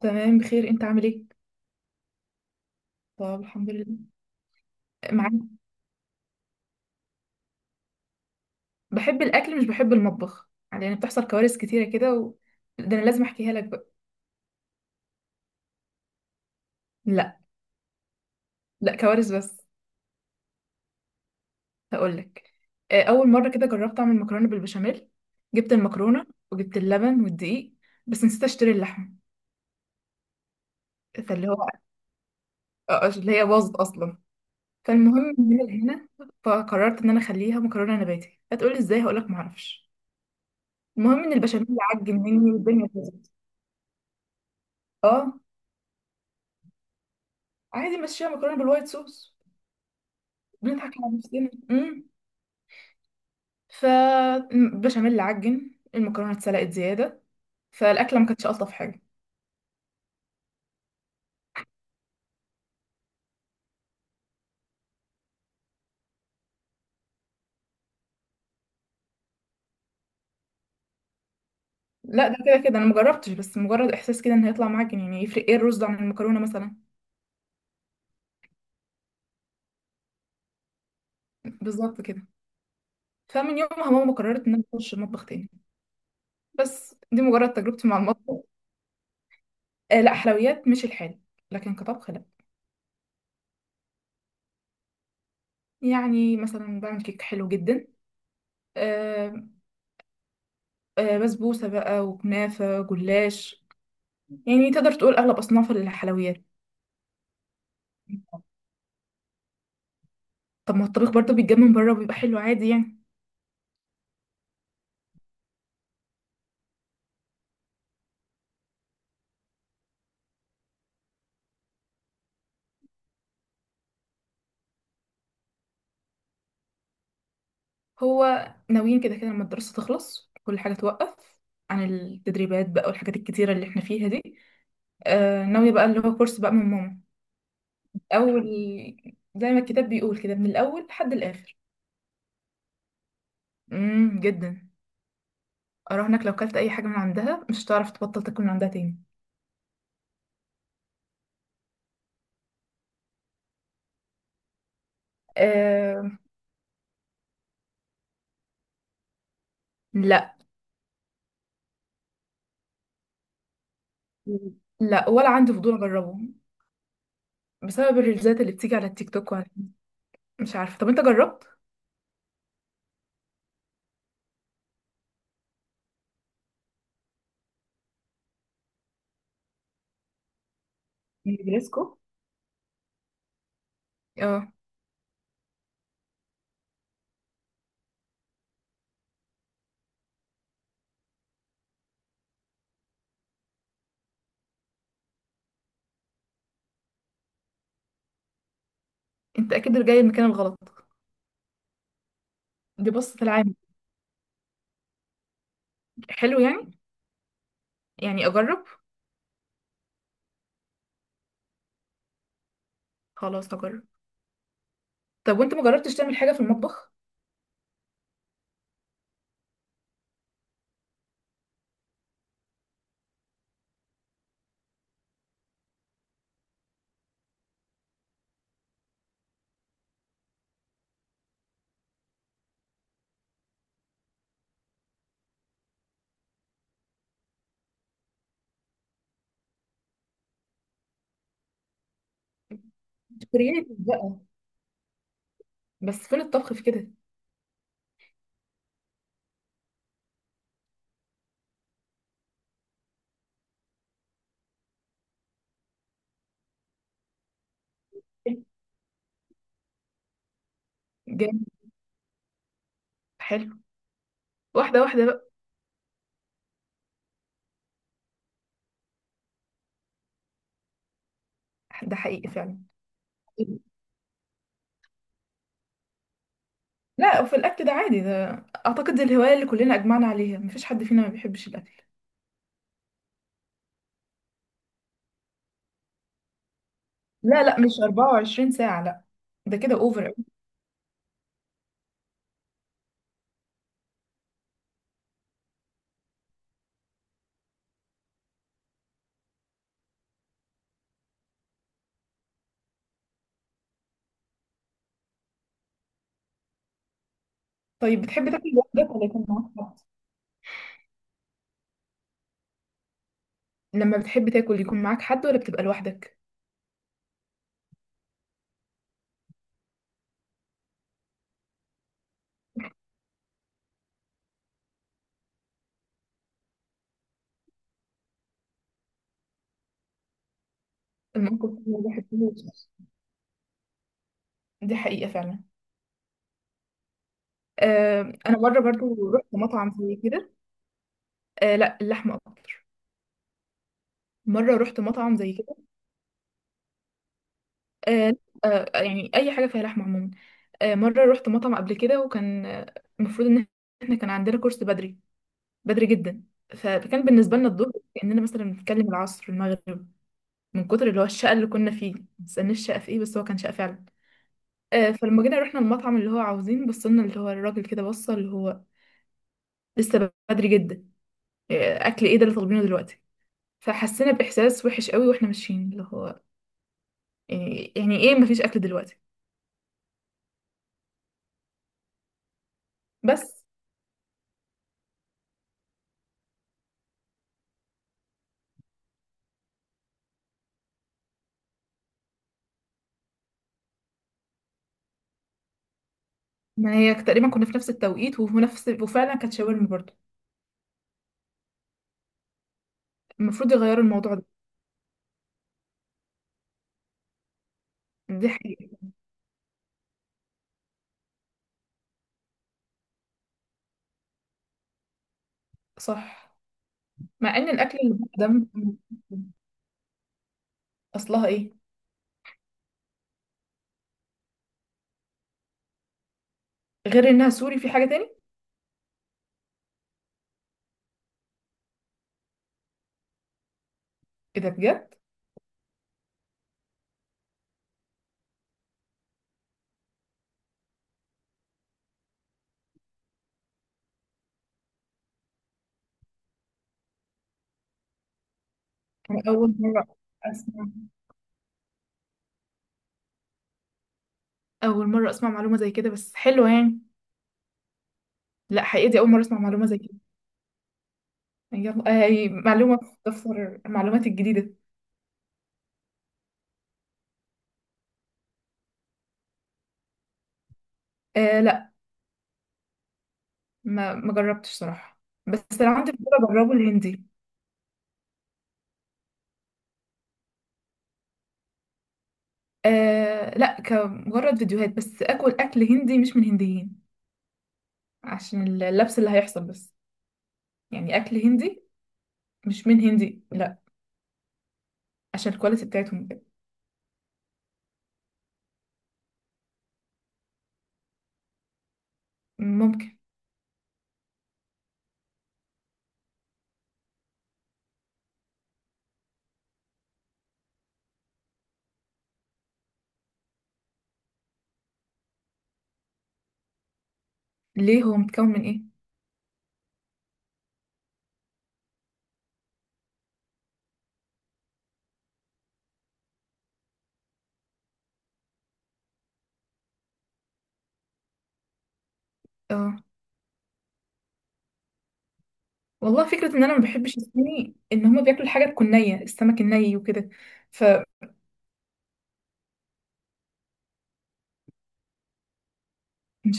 تمام، بخير. انت عامل ايه؟ طب الحمد لله، معاك. بحب الاكل مش بحب المطبخ، يعني بتحصل كوارث كتيره كده ده انا لازم احكيها لك بقى. لا، لا كوارث بس. هقول لك. اول مره كده جربت اعمل مكرونه بالبشاميل. جبت المكرونه وجبت اللبن والدقيق، بس نسيت اشتري اللحم. فاللي هو اللي هي باظت اصلا. فالمهم من هنا، فقررت ان انا اخليها مكرونه نباتي. هتقولي ازاي؟ هقول لك معرفش. المهم ان البشاميل عجن مني والدنيا باظت. اه، عادي ماشيه مكرونه بالوايت صوص. بنضحك على نفسنا. فالبشاميل عجن، المكرونه اتسلقت زياده، فالاكله ما كانتش الطف حاجه. لا ده كده كده انا مجربتش، بس مجرد احساس كده ان هيطلع معجن. يعني يفرق ايه الرز عن المكرونه مثلا؟ بالظبط كده. فمن يومها ماما قررت ان انا اخش المطبخ تاني. بس دي مجرد تجربتي مع المطبخ. آه، لا حلويات مش الحال، لكن كطبخ لا. يعني مثلا بعمل كيك حلو جدا. آه. بسبوسه بقى وكنافه جلاش. يعني تقدر تقول اغلب اصناف الحلويات. طب ما الطبيخ برضه بيتجاب من بره وبيبقى حلو عادي يعني. هو ناويين كده كده لما الدراسة تخلص كل حاجة توقف، عن التدريبات بقى والحاجات الكتيرة اللي احنا فيها دي. ناوية بقى اللي هو كورس بقى من ماما. أول زي ما الكتاب بيقول كده من الأول لحد الآخر. جدا. أراهنك لو كلت أي حاجة من عندها مش هتعرف تبطل تاكل من عندها تاني. آه، لا، لا ولا عندي فضول أجربه. بسبب الريلزات اللي بتيجي على التيك توك وعلى مش عارفة. طب أنت جربت؟ نجرسكو. اه. أنت أكيد جاي المكان الغلط. دي بص في العام. حلو يعني. يعني اجرب. خلاص هجرب. طب وانت ما جربتش تعمل حاجه في المطبخ؟ كرييتيف بقى. بس فين الطبخ في كده؟ جامد. حلو. واحده واحده بقى. ده حقيقي فعلا. لا، وفي الاكل ده عادي ده. اعتقد دي الهوايه اللي كلنا اجمعنا عليها، مفيش حد فينا ما بيحبش الاكل. لا، لا، مش 24 ساعه، لا. ده كده اوفر. طيب بتحب تاكل لوحدك ولا يكون معاك حد؟ لما بتحب تاكل يكون معاك حد ولا بتبقى لوحدك؟ الموقف ده الواحد فيه- دي حقيقه فعلا. آه، انا مره برضو رحت مطعم زي كده. لا اللحمه اكتر. مره رحت مطعم زي كده. آه، يعني اي حاجه فيها لحمه عموما. مره رحت مطعم قبل كده وكان المفروض ان احنا كان عندنا كورس بدري، بدري جدا. فكان بالنسبه لنا الظهر كاننا مثلا بنتكلم العصر المغرب، من كتر اللي هو الشقه اللي كنا فيه. ما تسالنيش شقه في ايه، بس هو كان شقه فعلا. فلما جينا رحنا المطعم اللي هو عاوزين، بصلنا اللي هو الراجل كده بص اللي هو لسه بدري جدا. اكل ايه ده اللي طالبينه دلوقتي؟ فحسينا بإحساس وحش قوي واحنا ماشيين اللي هو. يعني ايه، مفيش أكل دلوقتي؟ بس ما هي تقريبا كنا في نفس التوقيت، وفي نفس وفعلا كانت شاورما برضه. المفروض يغيروا الموضوع ده. دي حقيقة. صح. مع ان الأكل اللي بره ده م- أصلها ايه؟ غير انها سوري في حاجة تاني. ايه ده بجد؟ أنا أسمع أول مرة أسمع معلومة زي كده بس حلوة يعني. لا، حقيقي دي أول مرة أسمع معلومة زي كده. يلا، معلومة في دفتر المعلومات الجديدة. آه، ما جربتش صراحة. بس لو عندي فضول اجربه الهندي. آه لا، كمجرد فيديوهات بس. اكل هندي مش من هنديين. عشان اللبس اللي هيحصل بس. يعني اكل هندي مش من هندي لا. عشان الكواليتي بتاعتهم كده. ممكن. ليه، هو متكون من ايه؟ اه، والله فكرة ان انا ما بحبش الصيني ان هما بياكلوا الحاجة تكون نية، السمك الني وكده. فمش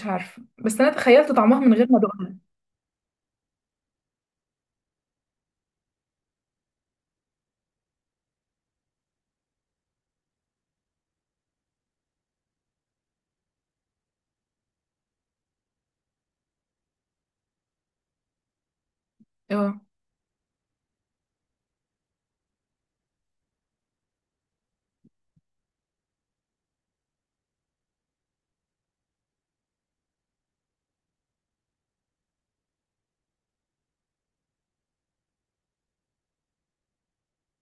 عارفة، بس انا تخيلت طعمها من غير ما ادوقها. اه.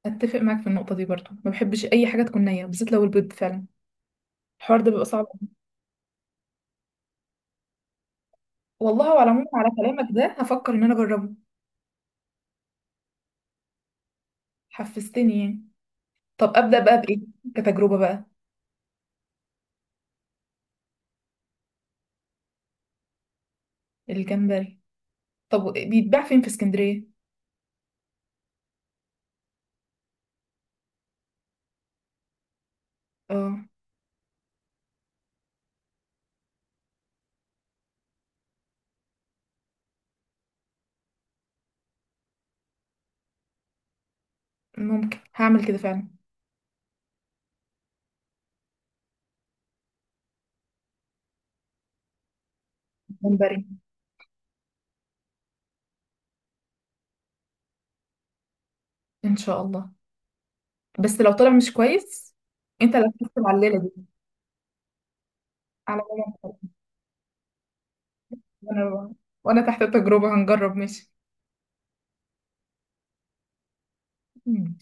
اتفق معاك في النقطة دي برضو، ما بحبش اي حاجة تكون نية بالذات لو البيض فعلا. الحوار ده بيبقى صعب. والله على العموم على كلامك ده هفكر ان انا اجربه. حفزتني يعني. طب ابدا بقى بايه؟ كتجربه بقى. الجمبري. طب بيتباع فين في اسكندريه؟ اه. ممكن هعمل كده فعلا. جمبري. ان شاء الله. بس لو طلع مش كويس انت اللي هتحس على الليله دي. على ماما. وانا وانا تحت التجربه هنجرب ماشي. ماشي.